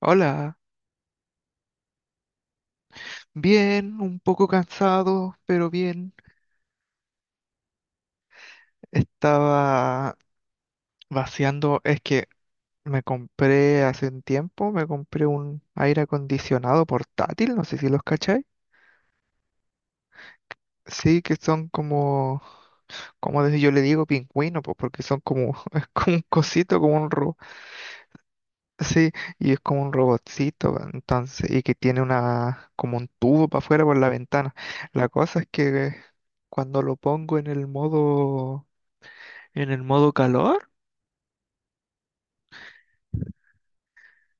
Hola, bien, un poco cansado, pero bien. Estaba vaciando, es que me compré hace un tiempo, me compré un aire acondicionado portátil, no sé si los cacháis. Sí, que son como desde yo le digo pingüino, pues porque son como, es como un cosito, como un ro, sí, y es como un robotcito, entonces, y que tiene una, como un tubo para afuera por la ventana. La cosa es que cuando lo pongo en el modo. ¿En el modo calor?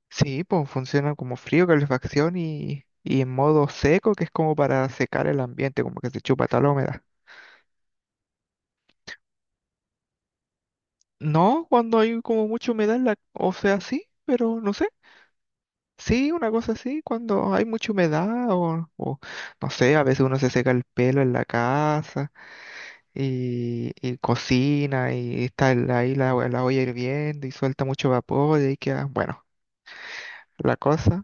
Sí, pues funciona como frío, calefacción y en modo seco, que es como para secar el ambiente, como que se chupa tal humedad. No, cuando hay como mucha humedad, en la, o sea, sí, pero no sé. Sí, una cosa así, cuando hay mucha humedad no sé, a veces uno se seca el pelo en la casa y cocina y está ahí la olla hirviendo y suelta mucho vapor y ahí queda, bueno, la cosa.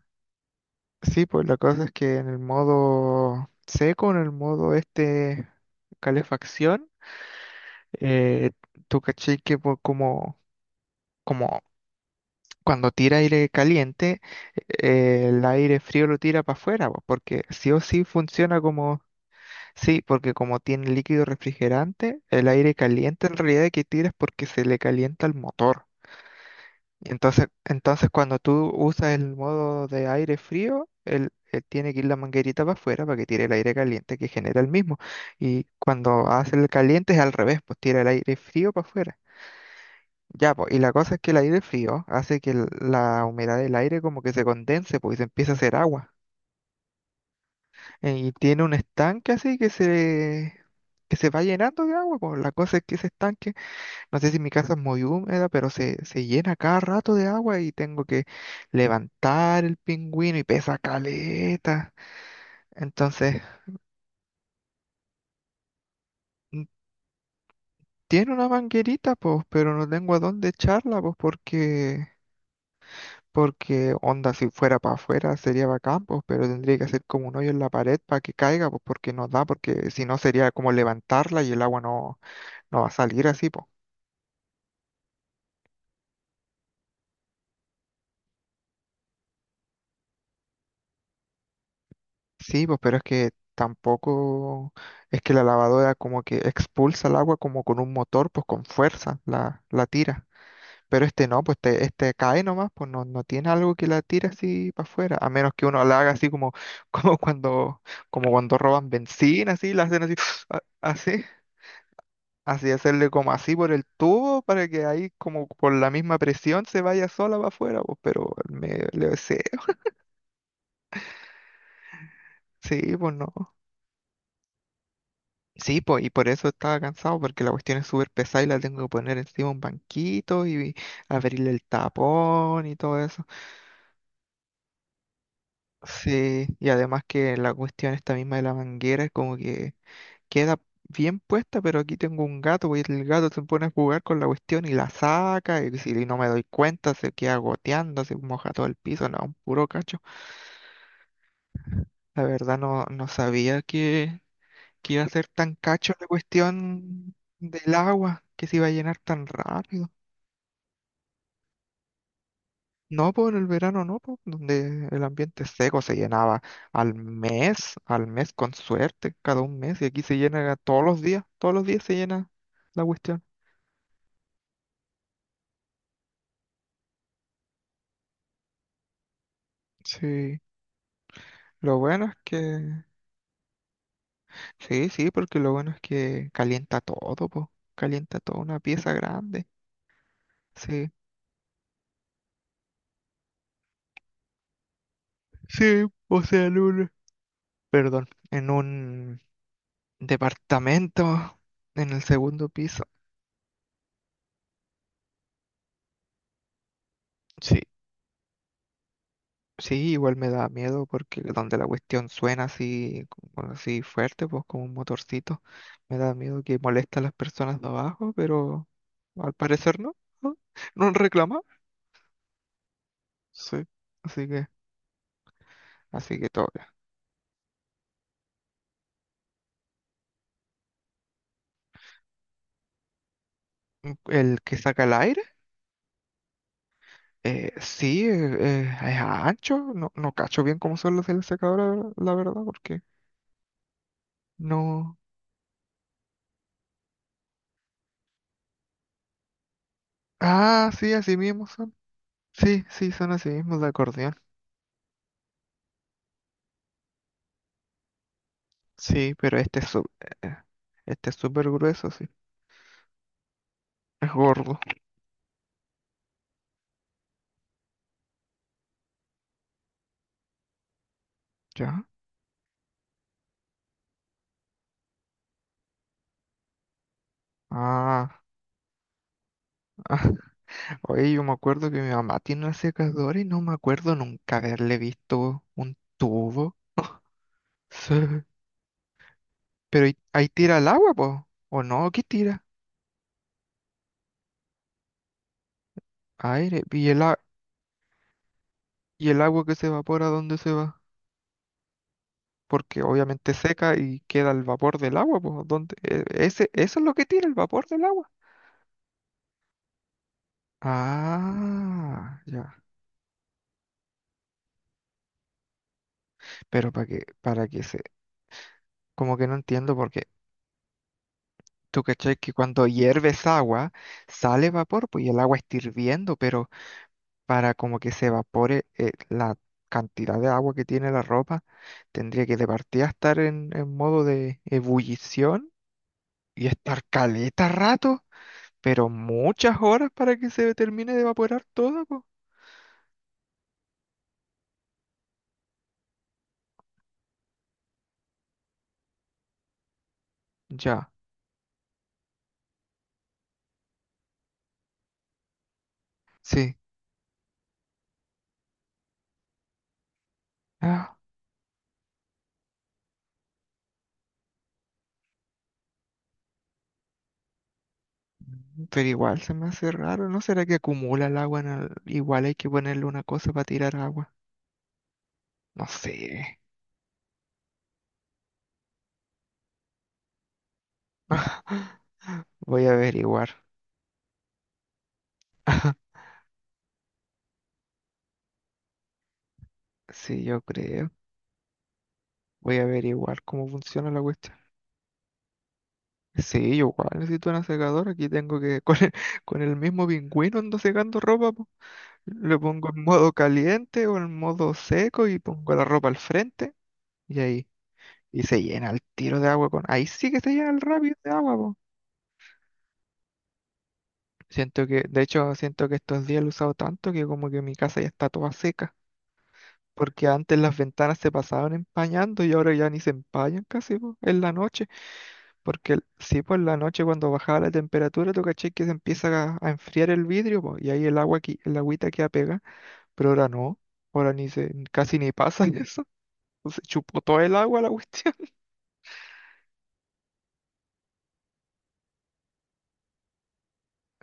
Sí, pues la cosa es que en el modo seco, en el modo este calefacción, eh, tú caché que como cuando tira aire caliente, el aire frío lo tira para afuera, po, porque sí o sí funciona como, sí, porque como tiene líquido refrigerante, el aire caliente en realidad que tira es porque se le calienta el motor. Y entonces, cuando tú usas el modo de aire frío, él tiene que ir la manguerita para afuera para que tire el aire caliente que genera el mismo. Y cuando hace el caliente es al revés, pues tira el aire frío para afuera. Ya, pues, y la cosa es que el aire frío hace que la humedad del aire como que se condense, pues, y se empieza a hacer agua. Y tiene un estanque así que que se va llenando de agua, pues la cosa es que ese estanque, no sé si mi casa es muy húmeda, pero se llena cada rato de agua y tengo que levantar el pingüino, y pesa caleta. Entonces, mm, tiene una manguerita, pues, pero no tengo a dónde echarla, pues, porque onda, si fuera para afuera sería bacán, pues, pero tendría que hacer como un hoyo en la pared para que caiga, pues, porque no da, porque si no sería como levantarla y el agua no va a salir así, pues. Sí, pues, pero es que tampoco es que la lavadora como que expulsa el agua como con un motor, pues, con fuerza la tira. Pero este no, pues este cae nomás, pues no tiene algo que la tira así para afuera, a menos que uno la haga así como, como cuando, roban benzina, así, la hacen así, así, así hacerle como así por el tubo para que ahí como por la misma presión se vaya sola para afuera, pues, pero sí, sí, pues no. Sí, po, y por eso estaba cansado, porque la cuestión es súper pesada y la tengo que poner encima un banquito y abrirle el tapón y todo eso. Sí, y además que la cuestión esta misma de la manguera es como que queda bien puesta, pero aquí tengo un gato, pues, y el gato se pone a jugar con la cuestión y la saca, y si no me doy cuenta se queda goteando, se moja todo el piso, no, un puro cacho. La verdad, no sabía que, iba a ser tan cacho la cuestión del agua, que se iba a llenar tan rápido. No, pues, en el verano no, pues donde el ambiente seco se llenaba al mes con suerte, cada un mes, y aquí se llena todos los días se llena la cuestión. Sí, lo bueno es que, sí, sí, porque lo bueno es que calienta todo, pues, calienta toda una pieza grande. Sí, sí, o sea, en un, perdón, en un departamento en el segundo piso. Sí, sí, igual me da miedo porque donde la cuestión suena así, como así fuerte, pues como un motorcito, me da miedo que moleste a las personas de abajo, pero al parecer no, no, no reclama. Sí, así que, todo. Bien. El que saca el aire, sí, es ancho, no cacho bien cómo son los de la secadora, la verdad, porque no. Ah, sí, así mismo son. Sí, sí, son así mismos de acordeón. Sí, pero eh, este es súper grueso, sí. Es gordo. ¿Ya? Ah. Oye, yo me acuerdo que mi mamá tiene una secadora y no me acuerdo nunca haberle visto un tubo. Sí. Pero ahí tira el agua, po. ¿O no? ¿Qué tira? Aire. Y el agua que se evapora, ¿dónde se va? Porque obviamente seca y queda el vapor del agua, po. ¿Dónde? Eso es lo que tira, el vapor del agua. Ah, ya. Pero para que, se. Como que no entiendo porque, tú cachai que cuando hierves agua sale vapor, pues, y el agua está hirviendo, pero para como que se evapore, la cantidad de agua que tiene la ropa, tendría que de partida estar en modo de ebullición y estar caleta rato, pero muchas horas para que se termine de evaporar todo, pues. Ya, sí. Ah, pero igual se me hace raro, ¿no será que acumula el agua en igual hay que ponerle una cosa para tirar agua. No sé. Voy a averiguar. Sí, yo creo. Voy a averiguar cómo funciona la cuestión. Sí, yo igual necesito una secadora. Aquí tengo que, con el mismo pingüino ando secando ropa, po. Lo pongo en modo caliente o en modo seco y pongo la ropa al frente y ahí. Y se llena el tiro de agua con. Ahí sí que se llena el rápido de agua, po. Siento que, de hecho, siento que estos días lo he usado tanto que como que mi casa ya está toda seca. Porque antes las ventanas se pasaban empañando y ahora ya ni se empañan casi, po, en la noche. Porque sí, pues, la noche cuando bajaba la temperatura, tú caché que se empieza a enfriar el vidrio, po, y ahí el agua aquí, el agüita queda pega, pero ahora no, ahora ni se, casi ni pasa eso. Se chupó todo el agua la cuestión.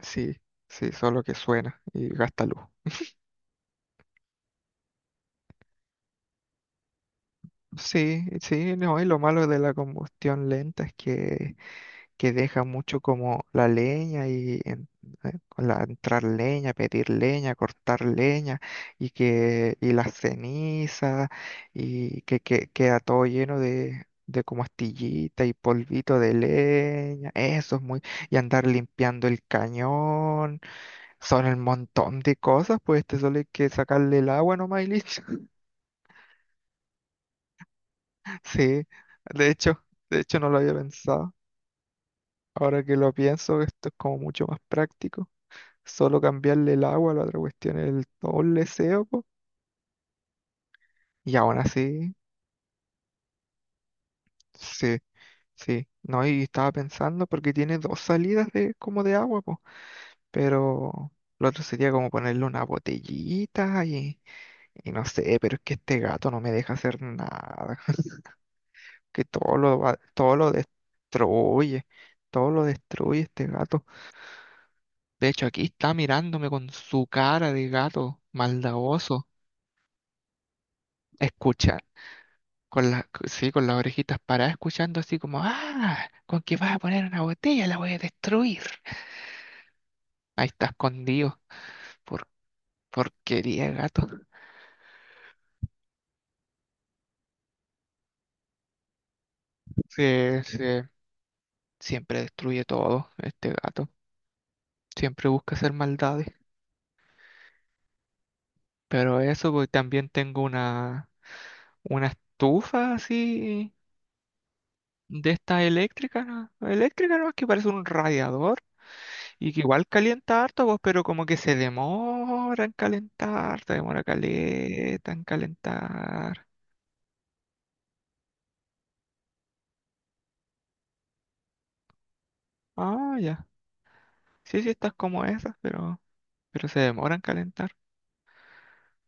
Sí, sí, solo que suena y gasta luz. Sí, sí, no, y lo malo de la combustión lenta es que deja mucho como la leña y con la, entrar leña, pedir leña, cortar leña, y que, y las cenizas y que queda todo lleno de como astillita y polvito de leña, eso es muy, y andar limpiando el cañón, son el montón de cosas, pues te solo hay que sacarle el agua nomás y listo. Sí, de hecho, de hecho no lo había pensado. Ahora que lo pienso, esto es como mucho más práctico. Solo cambiarle el agua, la otra cuestión es el todo el leseo, po. Y aún así, sí, sí. No, y estaba pensando porque tiene dos salidas de como de agua, po. Pero lo otro sería como ponerle una botellita y no sé, pero es que este gato no me deja hacer nada. Que todo todo lo destruye. Todo lo destruye este gato. De hecho, aquí está mirándome con su cara de gato maldadoso. Escucha. Con las, sí, con las orejitas paradas, escuchando así como, ah, con que vas a poner una botella, la voy a destruir. Ahí está escondido. Por porquería, de gato. Se, se- siempre destruye todo, este gato. Siempre busca hacer maldades. Pero eso, pues, también tengo una, estufa así de esta eléctrica, ¿no? Eléctrica, ¿no? Que parece un radiador. Y que igual calienta harto, pues, pero como que se demora en calentar, se demora caleta en calentar. Ah, ya. Sí, sí, estas como esas, pero, se demora en calentar.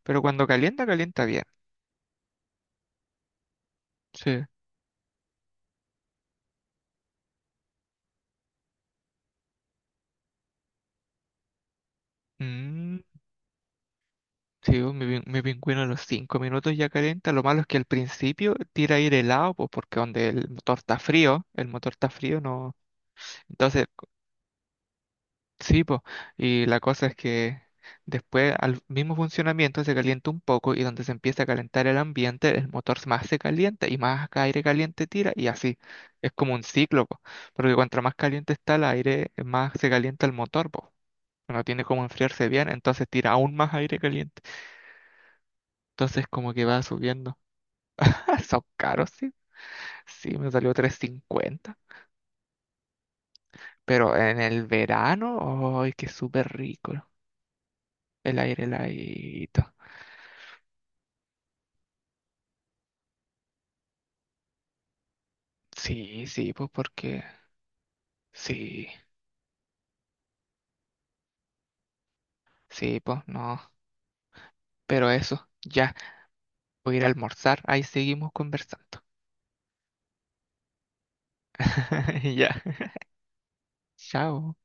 Pero cuando calienta, calienta bien. Sí. Mm, sí, pues, mi pingüino a los 5 minutos ya calienta. Lo malo es que al principio tira aire helado, pues porque donde el motor está frío, el motor está frío, no. Entonces. Sí, po. Y la cosa es que después al mismo funcionamiento se calienta un poco y donde se empieza a calentar el ambiente, el motor más se calienta y más aire caliente tira y así. Es como un ciclo, po. Porque cuanto más caliente está el aire, más se calienta el motor, po. No tiene como enfriarse bien, entonces tira aún más aire caliente. Entonces como que va subiendo. Son caros, sí. Sí, me salió 350. Pero en el verano, ¡ay, qué súper rico! El aire heladito. Sí, sí, pues porque sí, sí, pues no. Pero eso, ya, voy a ir a almorzar, ahí seguimos conversando. Ya, chao.